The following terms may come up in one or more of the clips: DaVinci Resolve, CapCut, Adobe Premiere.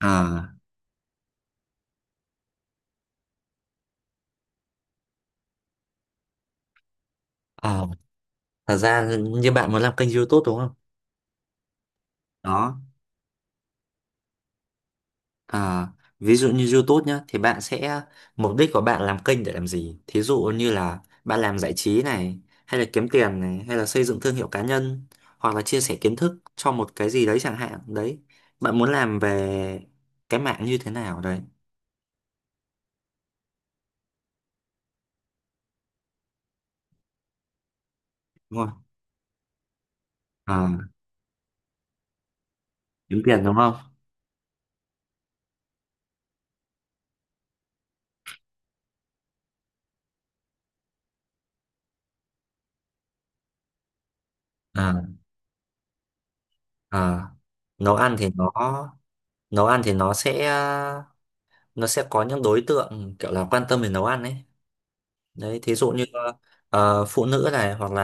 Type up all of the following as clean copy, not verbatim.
à, Ờ, Thật ra như bạn muốn làm kênh YouTube đúng không? Đó. À, ví dụ như YouTube nhá, thì bạn sẽ mục đích của bạn làm kênh để làm gì? Thí dụ như là bạn làm giải trí này, hay là kiếm tiền này, hay là xây dựng thương hiệu cá nhân, hoặc là chia sẻ kiến thức cho một cái gì đấy chẳng hạn. Đấy, bạn muốn làm về cái mạng như thế nào đấy, đúng không? À, kiếm tiền đúng không? À, à, nấu ăn thì nó nấu ăn thì nó sẽ có những đối tượng kiểu là quan tâm về nấu ăn ấy. Đấy, thí dụ như phụ nữ này, hoặc là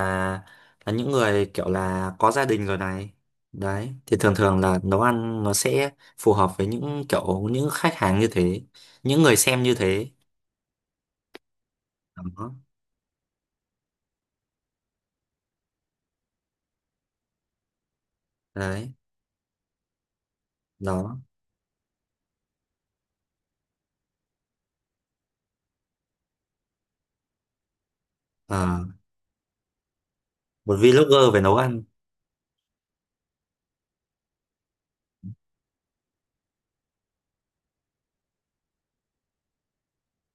là những người kiểu là có gia đình rồi này. Đấy, thì thường thường là nấu ăn nó sẽ phù hợp với những kiểu những khách hàng như thế, những người xem như thế. Đó. Đấy. Đó. Ờ, Một vlogger về nấu ăn.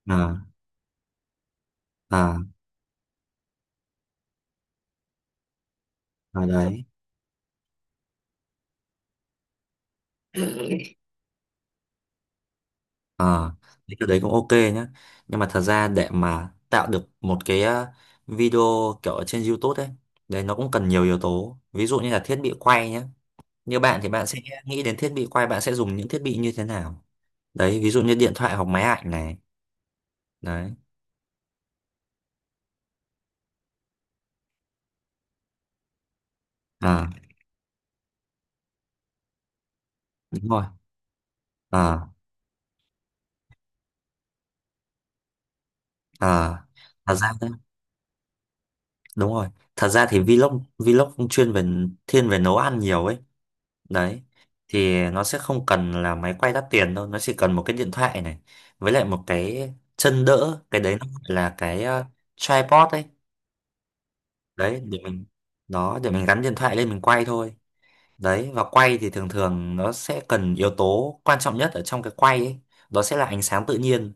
À, à, à. Đấy. Ờ, thì cái đấy cũng ok nhá, nhưng mà thật ra để mà tạo được một cái video kiểu ở trên YouTube ấy, đấy nó cũng cần nhiều yếu tố, ví dụ như là thiết bị quay nhé. Như bạn thì bạn sẽ nghĩ đến thiết bị quay, bạn sẽ dùng những thiết bị như thế nào. Đấy, ví dụ như điện thoại hoặc máy ảnh này. Đấy. À, đúng rồi. À. À. Thật ra đấy, đúng rồi, thật ra thì vlog vlog cũng chuyên về, thiên về nấu ăn nhiều ấy. Đấy, thì nó sẽ không cần là máy quay đắt tiền đâu, nó chỉ cần một cái điện thoại này, với lại một cái chân đỡ, cái đấy nó gọi là cái tripod ấy. Đấy, để mình, đó để mình gắn điện thoại lên mình quay thôi. Đấy, và quay thì thường thường nó sẽ cần yếu tố quan trọng nhất ở trong cái quay ấy. Đó sẽ là ánh sáng tự nhiên.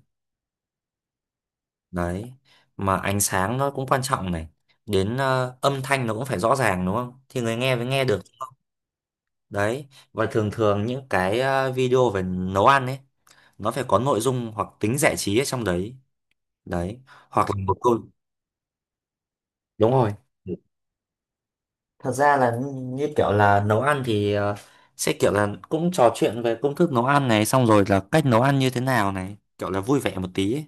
Đấy, mà ánh sáng nó cũng quan trọng này. Đến âm thanh nó cũng phải rõ ràng đúng không? Thì người nghe mới nghe được, đúng không? Đấy, và thường thường những cái video về nấu ăn ấy, nó phải có nội dung hoặc tính giải trí ở trong đấy. Đấy, hoặc là một câu. Đúng rồi. Thật ra là như kiểu là nấu ăn thì sẽ kiểu là cũng trò chuyện về công thức nấu ăn này, xong rồi là cách nấu ăn như thế nào này, kiểu là vui vẻ một tí ấy.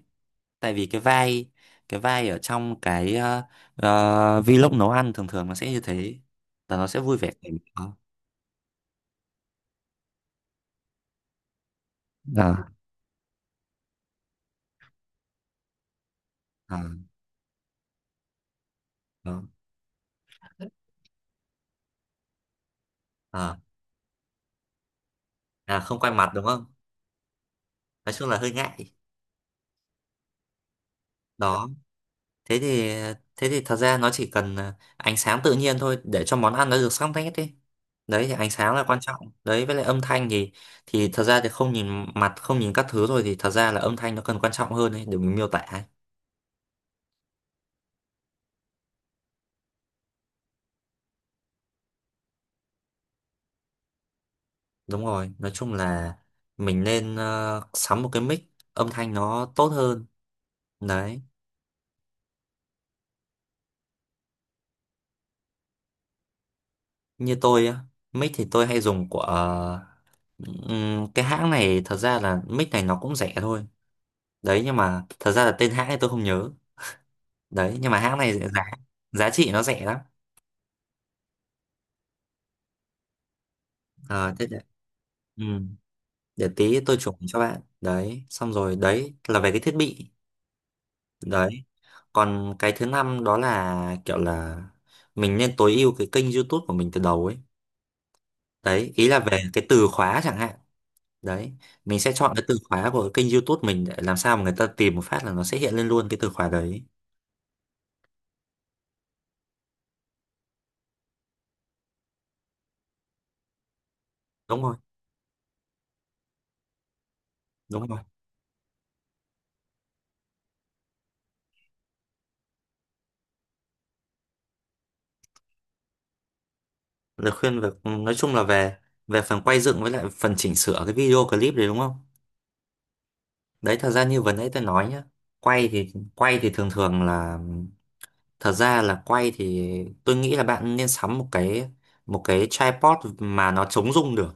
Tại vì cái vai ở trong cái vlog nấu ăn thường thường nó sẽ như thế, là nó sẽ vui vẻ. à, à, à, à, Không quay mặt đúng không? Nói chung là hơi ngại. Đó. thế thì Thế thì thật ra nó chỉ cần ánh sáng tự nhiên thôi để cho món ăn nó được sắc nét đi. Đấy, thì ánh sáng là quan trọng đấy, với lại âm thanh thì thật ra thì không nhìn mặt không nhìn các thứ rồi thì thật ra là âm thanh nó cần quan trọng hơn đấy để mình miêu tả ấy. Đúng rồi, nói chung là mình nên sắm một cái mic, âm thanh nó tốt hơn. Đấy, như tôi á, mic thì tôi hay dùng của cái hãng này, thật ra là mic này nó cũng rẻ thôi. Đấy, nhưng mà thật ra là tên hãng thì tôi không nhớ. Đấy, nhưng mà hãng này giá giá trị nó rẻ lắm. Ờ Thế để, ừ. để tí tôi chụp cho bạn, đấy xong rồi đấy là về cái thiết bị. Đấy, còn cái thứ năm đó là kiểu là mình nên tối ưu cái kênh YouTube của mình từ đầu ấy. Đấy, ý là về cái từ khóa chẳng hạn. Đấy, mình sẽ chọn cái từ khóa của cái kênh YouTube mình để làm sao mà người ta tìm một phát là nó sẽ hiện lên luôn cái từ khóa đấy. Đúng rồi, đúng rồi. Lời khuyên về, nói chung là về về phần quay dựng với lại phần chỉnh sửa cái video clip đấy, đúng không? Đấy, thật ra như vừa nãy tôi nói nhá, quay thì thường thường là, thật ra là quay thì tôi nghĩ là bạn nên sắm một cái, một cái tripod mà nó chống rung được.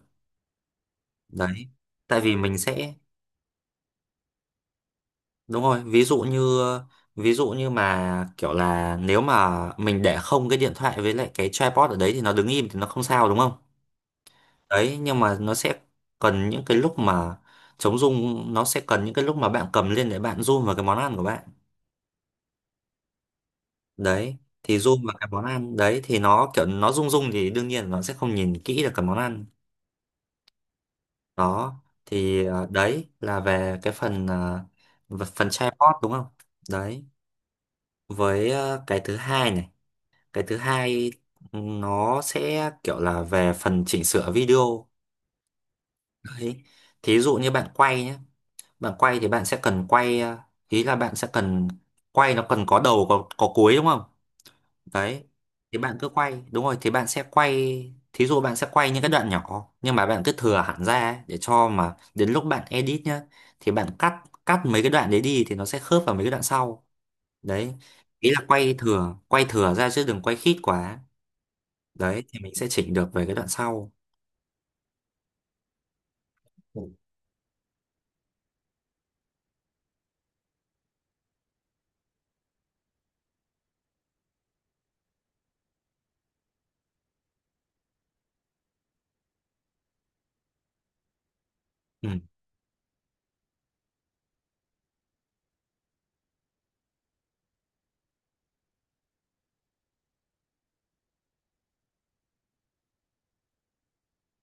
Đấy, tại vì mình sẽ, đúng rồi, ví dụ như, ví dụ như mà kiểu là nếu mà mình để không cái điện thoại với lại cái tripod ở đấy thì nó đứng im thì nó không sao đúng không? Đấy, nhưng mà nó sẽ cần những cái lúc mà, chống rung nó sẽ cần những cái lúc mà bạn cầm lên để bạn zoom vào cái món ăn của bạn. Đấy, thì zoom vào cái món ăn đấy thì nó kiểu nó rung rung thì đương nhiên nó sẽ không nhìn kỹ được cái món ăn. Đó, thì đấy là về cái phần phần chatbot đúng không? Đấy, với cái thứ hai này, cái thứ hai, ừ, nó sẽ kiểu là về phần chỉnh sửa video. Đấy, thí dụ như bạn quay nhé, bạn quay thì bạn sẽ cần quay ý là bạn sẽ cần quay, nó cần có đầu có cuối đúng không? Đấy, thì bạn cứ quay đúng rồi thì bạn sẽ quay, thí dụ bạn sẽ quay những cái đoạn nhỏ nhưng mà bạn cứ thừa hẳn ra ấy, để cho mà đến lúc bạn edit nhá thì bạn cắt cắt mấy cái đoạn đấy đi thì nó sẽ khớp vào mấy cái đoạn sau. Đấy, ý là quay thừa ra chứ đừng quay khít quá. Đấy, thì mình sẽ chỉnh được về cái đoạn sau. Ừ. Ừ,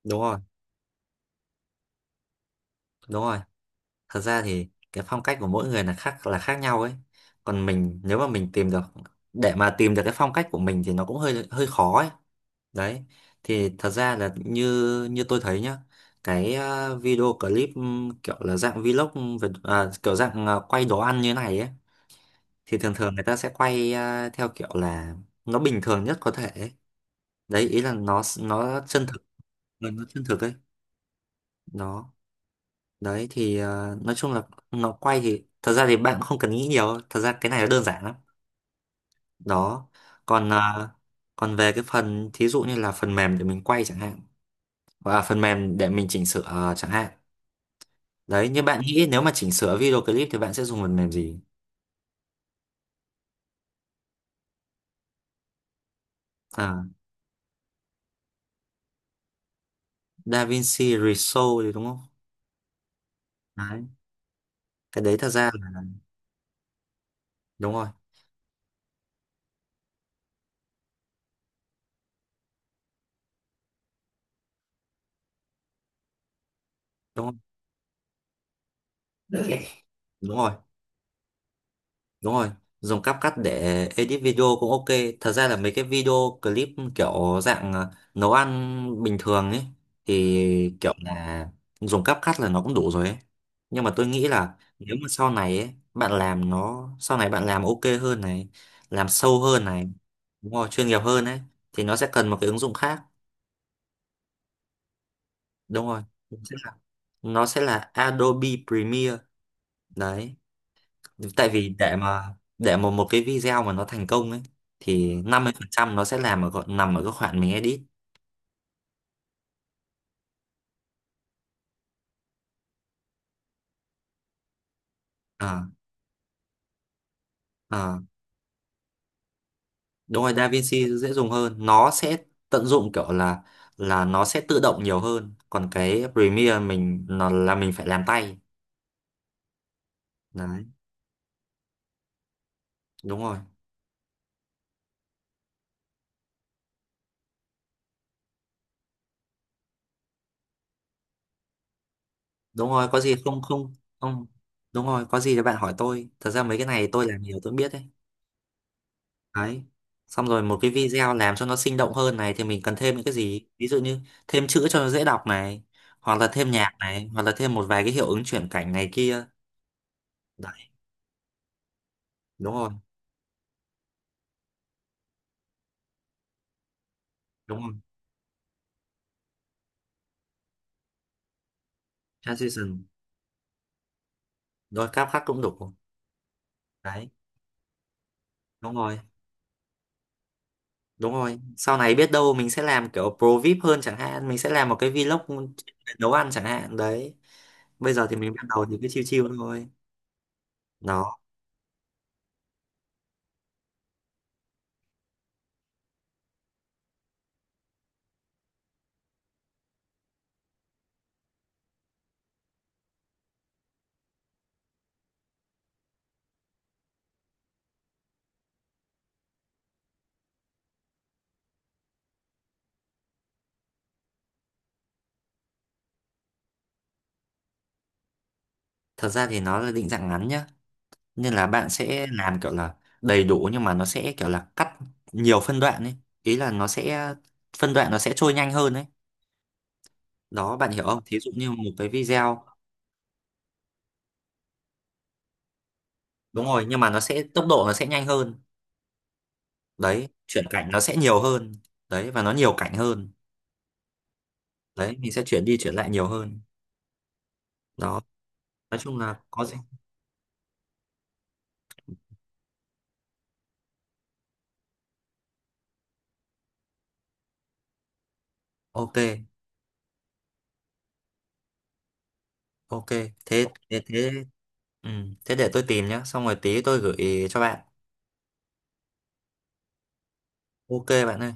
đúng rồi đúng rồi. Thật ra thì cái phong cách của mỗi người là khác nhau ấy. Còn mình, nếu mà mình tìm được, để mà tìm được cái phong cách của mình thì nó cũng hơi hơi khó ấy. Đấy, thì thật ra là như như tôi thấy nhá, cái video clip, kiểu là dạng vlog về, kiểu dạng quay đồ ăn như này ấy, thì thường thường người ta sẽ quay theo kiểu là nó bình thường nhất có thể ấy. Đấy, ý là nó chân thực, nó chân thực ấy. Nó Đấy thì nói chung là nó quay thì thật ra thì bạn không cần nghĩ nhiều, thật ra cái này nó đơn giản lắm. Đó. Còn ờ, Còn về cái phần thí dụ như là phần mềm để mình quay chẳng hạn, và phần mềm để mình chỉnh sửa chẳng hạn. Đấy, như bạn nghĩ nếu mà chỉnh sửa video clip thì bạn sẽ dùng phần mềm gì? À, DaVinci Resolve thì đúng không? Đấy, cái đấy thật ra là, đúng rồi, đúng rồi, đúng rồi. Đúng rồi, dùng CapCut để edit video cũng ok. Thật ra là mấy cái video clip kiểu dạng nấu ăn bình thường ấy thì kiểu là dùng CapCut là nó cũng đủ rồi ấy. Nhưng mà tôi nghĩ là nếu mà sau này ấy, bạn làm nó sau này bạn làm ok hơn này, làm sâu hơn này, đúng rồi, chuyên nghiệp hơn ấy, thì nó sẽ cần một cái ứng dụng khác. Đúng rồi. Nó sẽ là, nó sẽ là Adobe Premiere đấy. Tại vì để mà một cái video mà nó thành công ấy thì 50% nó sẽ làm ở nằm ở cái khoản mình edit. à, à. Đúng rồi, DaVinci dễ dùng hơn, nó sẽ tận dụng kiểu là nó sẽ tự động nhiều hơn, còn cái Premiere mình nó là mình phải làm tay. Đấy, đúng rồi, đúng rồi, có gì không, không, không, đúng rồi. Có gì thì bạn hỏi tôi, thật ra mấy cái này tôi làm nhiều tôi biết đấy. Đấy. Xong rồi một cái video làm cho nó sinh động hơn này thì mình cần thêm những cái gì? Ví dụ như thêm chữ cho nó dễ đọc này, hoặc là thêm nhạc này, hoặc là thêm một vài cái hiệu ứng chuyển cảnh này kia. Đấy, đúng rồi, đúng rồi. Transition, rồi cáp khắc cũng đủ. Đấy, đúng rồi, đúng rồi. Sau này biết đâu mình sẽ làm kiểu pro VIP hơn chẳng hạn, mình sẽ làm một cái vlog nấu ăn chẳng hạn. Đấy, bây giờ thì mình bắt đầu thì cứ chill chill thôi. nó Thật ra thì nó là định dạng ngắn nhá, nên là bạn sẽ làm kiểu là đầy đủ nhưng mà nó sẽ kiểu là cắt nhiều phân đoạn ấy, ý là nó sẽ phân đoạn, nó sẽ trôi nhanh hơn ấy. Đó, bạn hiểu không, thí dụ như một cái video. Đúng rồi, nhưng mà nó sẽ tốc độ nó sẽ nhanh hơn. Đấy, chuyển cảnh nó sẽ nhiều hơn. Đấy, và nó nhiều cảnh hơn. Đấy, mình sẽ chuyển đi chuyển lại nhiều hơn. Đó, nói chung là có gì. Ok ok, thế thế thế. ừ. Thế để tôi tìm nhá, xong rồi tí tôi gửi cho bạn. Ok bạn ơi.